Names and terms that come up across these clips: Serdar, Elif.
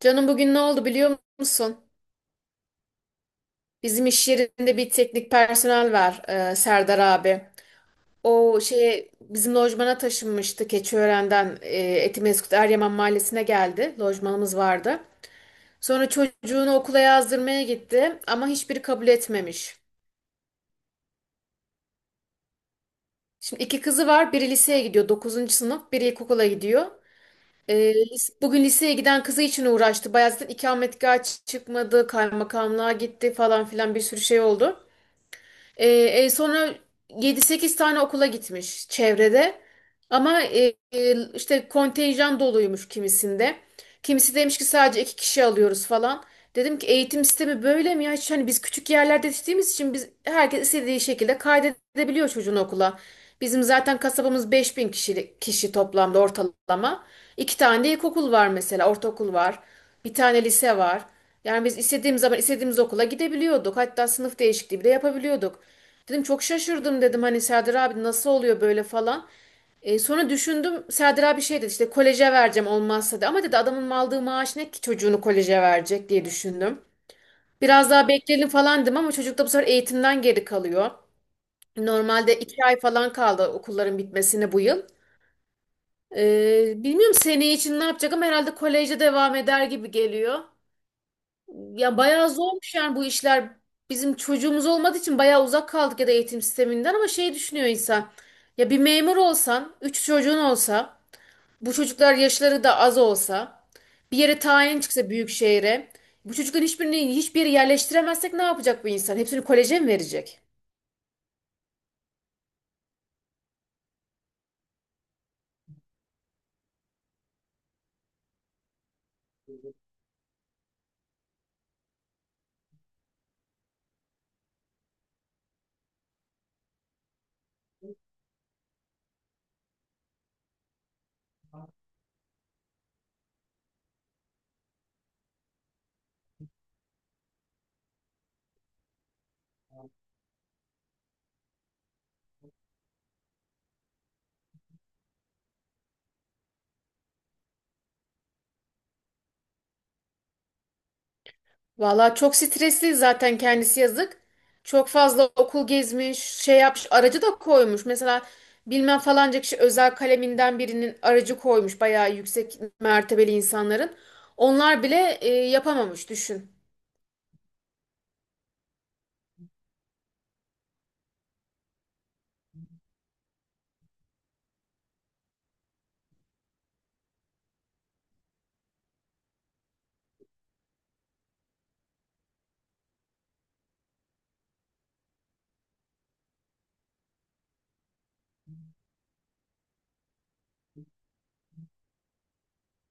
Canım bugün ne oldu biliyor musun? Bizim iş yerinde bir teknik personel var, Serdar abi. O şeye bizim lojmana taşınmıştı Keçiören'den Etimesgut Eryaman Mahallesi'ne geldi. Lojmanımız vardı. Sonra çocuğunu okula yazdırmaya gitti ama hiçbiri kabul etmemiş. Şimdi iki kızı var. Biri liseye gidiyor 9. sınıf, biri ilkokula gidiyor. Bugün liseye giden kızı için uğraştı. Bayağı zaten ikametgah çıkmadı, kaymakamlığa gitti falan filan bir sürü şey oldu. Ee, Sonra 7-8 tane okula gitmiş çevrede. Ama işte kontenjan doluymuş kimisinde. Kimisi demiş ki sadece iki kişi alıyoruz falan. Dedim ki eğitim sistemi böyle mi ya? Hiç hani biz küçük yerlerde yetiştiğimiz için biz herkes istediği şekilde kaydedebiliyor çocuğunu okula. Bizim zaten kasabamız 5.000 kişi toplamda ortalama. İki tane de ilkokul var mesela, ortaokul var. Bir tane lise var. Yani biz istediğimiz zaman istediğimiz okula gidebiliyorduk. Hatta sınıf değişikliği bile yapabiliyorduk. Dedim çok şaşırdım dedim hani Serdar abi nasıl oluyor böyle falan. E, sonra düşündüm Serdar abi şey dedi işte koleje vereceğim olmazsa da ama dedi adamın aldığı maaş ne ki çocuğunu koleje verecek diye düşündüm. Biraz daha bekleyelim falan dedim ama çocuk da bu sefer eğitimden geri kalıyor. Normalde iki ay falan kaldı okulların bitmesine bu yıl. Bilmiyorum seneye için ne yapacak ama herhalde koleje devam eder gibi geliyor. Ya bayağı zormuş yani bu işler. Bizim çocuğumuz olmadığı için bayağı uzak kaldık ya da eğitim sisteminden ama şey düşünüyor insan. Ya bir memur olsan, üç çocuğun olsa, bu çocuklar yaşları da az olsa, bir yere tayin çıksa büyük şehre, bu çocukların hiçbirini hiçbir yere yerleştiremezsek ne yapacak bu insan? Hepsini koleje mi verecek? Valla çok stresli zaten kendisi yazık. Çok fazla okul gezmiş, şey yapmış, aracı da koymuş. Mesela bilmem falanca kişi özel kaleminden birinin aracı koymuş. Bayağı yüksek mertebeli insanların. Onlar bile yapamamış düşün.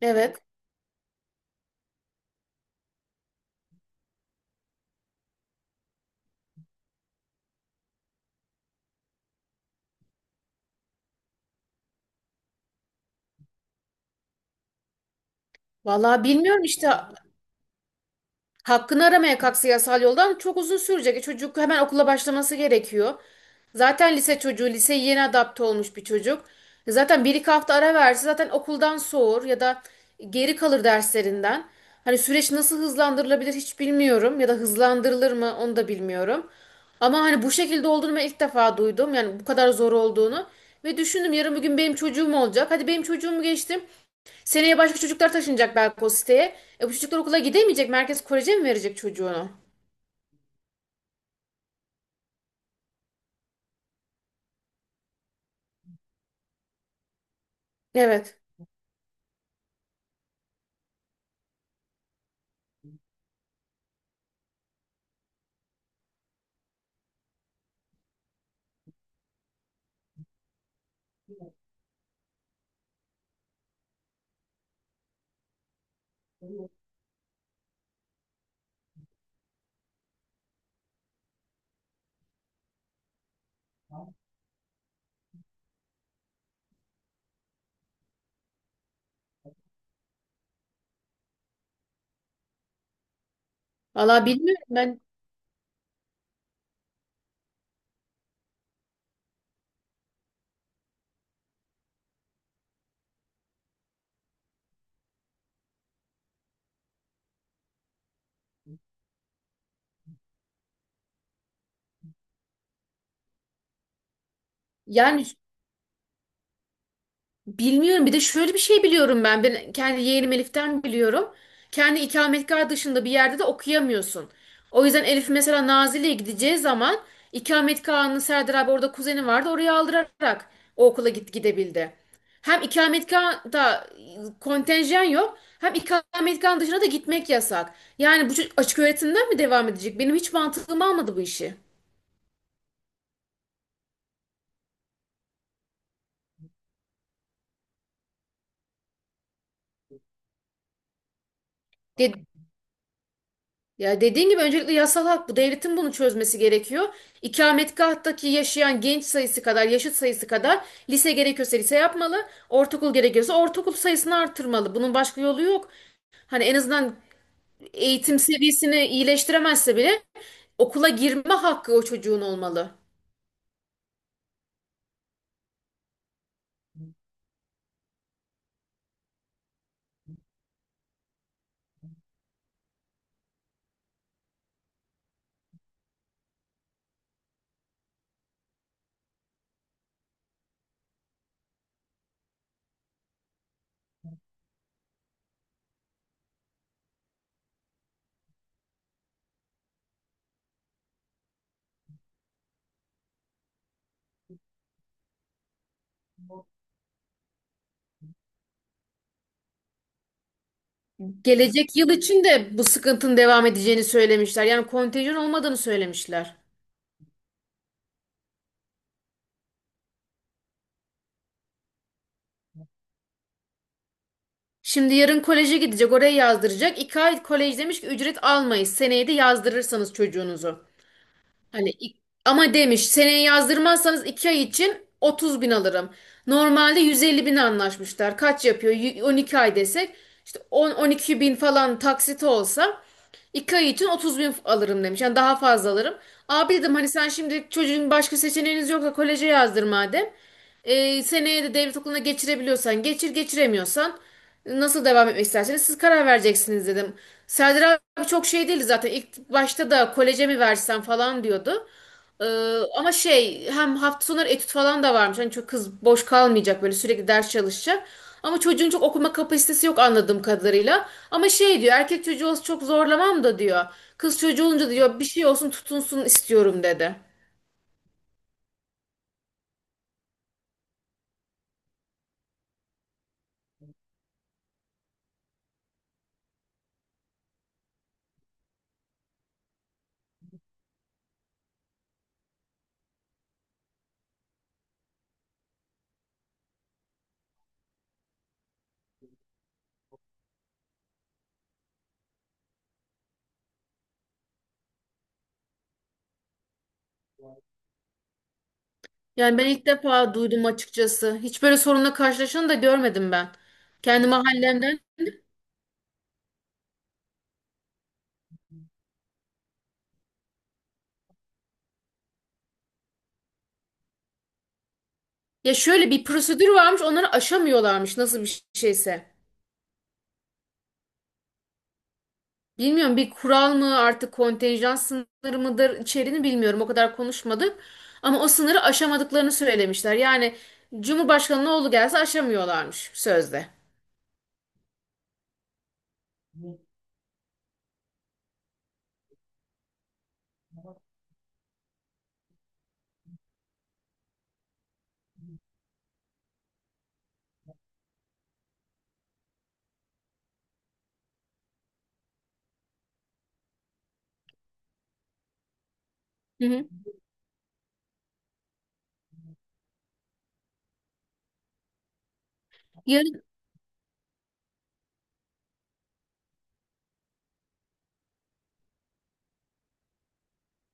Evet. Valla bilmiyorum işte. Hakkını aramaya kalksa yasal yoldan çok uzun sürecek. Çocuk hemen okula başlaması gerekiyor. Zaten lise çocuğu, liseye yeni adapte olmuş bir çocuk. Zaten bir iki hafta ara verse zaten okuldan soğur ya da geri kalır derslerinden. Hani süreç nasıl hızlandırılabilir hiç bilmiyorum ya da hızlandırılır mı onu da bilmiyorum. Ama hani bu şekilde olduğunu ben ilk defa duydum. Yani bu kadar zor olduğunu. Ve düşündüm yarın bir gün benim çocuğum olacak. Hadi benim çocuğumu geçtim. Seneye başka çocuklar taşınacak belki o siteye. Bu çocuklar okula gidemeyecek. Merkez Korece mi verecek çocuğunu? Evet. Valla bilmiyorum ben. Yani bilmiyorum. Bir de şöyle bir şey biliyorum ben. Ben kendi yeğenim Elif'ten biliyorum. Kendi ikametgah dışında bir yerde de okuyamıyorsun. O yüzden Elif mesela Nazilli'ye gideceği zaman ikametgahını Serdar abi orada kuzeni vardı oraya aldırarak o okula gidebildi. Hem ikametgahda kontenjan yok hem ikametgahın dışına da gitmek yasak. Yani bu çocuk açık öğretimden mi devam edecek? Benim hiç mantığım almadı bu işi. Ya dediğin gibi öncelikle yasal hak bu. Devletin bunu çözmesi gerekiyor. İkametgahtaki yaşayan genç sayısı kadar, yaşıt sayısı kadar lise gerekiyorsa lise yapmalı. Ortaokul gerekiyorsa ortaokul sayısını artırmalı. Bunun başka yolu yok. Hani en azından eğitim seviyesini iyileştiremezse bile okula girme hakkı o çocuğun olmalı. Gelecek yıl için de bu sıkıntının devam edeceğini söylemişler. Yani kontenjan olmadığını söylemişler. Şimdi yarın koleje gidecek, oraya yazdıracak. İki ay kolej demiş ki ücret almayız. Seneye de yazdırırsanız çocuğunuzu. Hani ama demiş seneye yazdırmazsanız 2 ay için 30 bin alırım. Normalde 150 bin anlaşmışlar. Kaç yapıyor? 12 ay desek işte 10-12 bin falan taksit olsa 2 ay için 30 bin alırım demiş. Yani daha fazla alırım. Abi dedim hani sen şimdi çocuğun başka seçeneğiniz yoksa koleje yazdır madem. E, seneye de devlet okuluna geçirebiliyorsan geçir, geçiremiyorsan nasıl devam etmek isterseniz siz karar vereceksiniz dedim. Serdar abi çok şey değildi zaten. İlk başta da koleje mi versen falan diyordu. Ee, Ama şey hem hafta sonları etüt falan da varmış. Hani çok kız boş kalmayacak böyle sürekli ders çalışacak. Ama çocuğun çok okuma kapasitesi yok anladığım kadarıyla. Ama şey diyor erkek çocuğu olsa çok zorlamam da diyor. Kız çocuğu olunca diyor bir şey olsun tutunsun istiyorum dedi. Yani ben ilk defa duydum açıkçası. Hiç böyle sorunla karşılaşanı da görmedim ben. Kendi mahallemden. Ya şöyle bir prosedür varmış onları aşamıyorlarmış nasıl bir şeyse. Bilmiyorum bir kural mı artık kontenjan sınırı mıdır içeriğini bilmiyorum o kadar konuşmadık. Ama o sınırı aşamadıklarını söylemişler. Yani Cumhurbaşkanı'nın oğlu gelse aşamıyorlarmış sözde. Hı hı.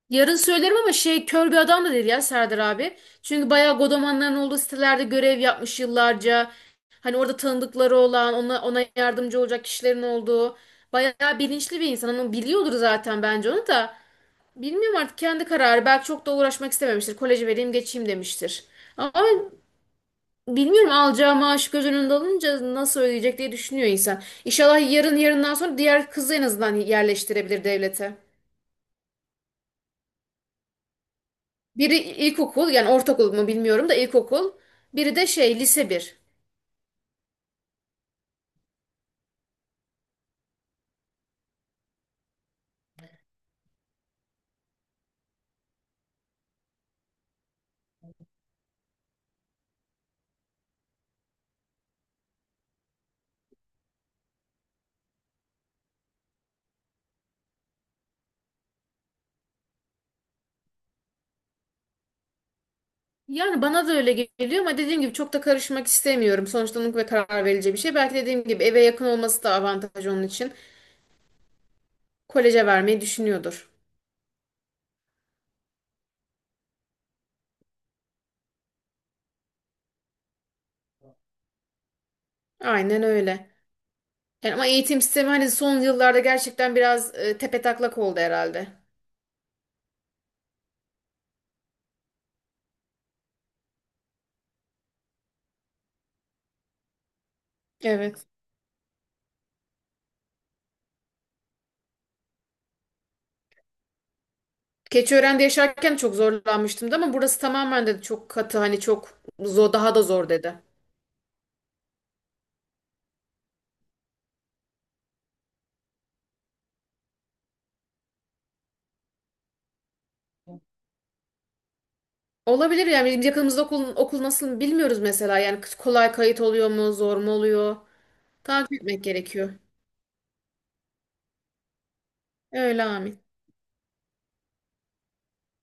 Yarın söylerim ama şey kör bir adam da değil ya Serdar abi. Çünkü bayağı godomanların olduğu sitelerde görev yapmış yıllarca. Hani orada tanıdıkları olan, ona yardımcı olacak kişilerin olduğu. Bayağı bilinçli bir insan. Hani onu biliyordur zaten bence onu da. Bilmiyorum artık kendi kararı. Belki çok da uğraşmak istememiştir. Koleji vereyim geçeyim demiştir. Ama bilmiyorum alacağı maaş göz önünde alınca nasıl ödeyecek diye düşünüyor insan. İnşallah yarın yarından sonra diğer kızı en azından yerleştirebilir devlete. Biri ilkokul yani ortaokul mu bilmiyorum da ilkokul. Biri de şey lise bir. Yani bana da öyle geliyor ama dediğim gibi çok da karışmak istemiyorum. Sonuçta onun ve karar verici bir şey. Belki dediğim gibi eve yakın olması da avantaj onun için. Koleje vermeyi düşünüyordur. Aynen öyle. Yani ama eğitim sistemi hani son yıllarda gerçekten biraz tepetaklak oldu herhalde. Evet. Keçiören'de yaşarken çok zorlanmıştım da ama burası tamamen de çok katı hani çok zor, daha da zor dedi. Olabilir yani bizim yakınımızda okul nasıl bilmiyoruz mesela. Yani kolay kayıt oluyor mu, zor mu oluyor? Takip etmek gerekiyor. Öyle Ahmet.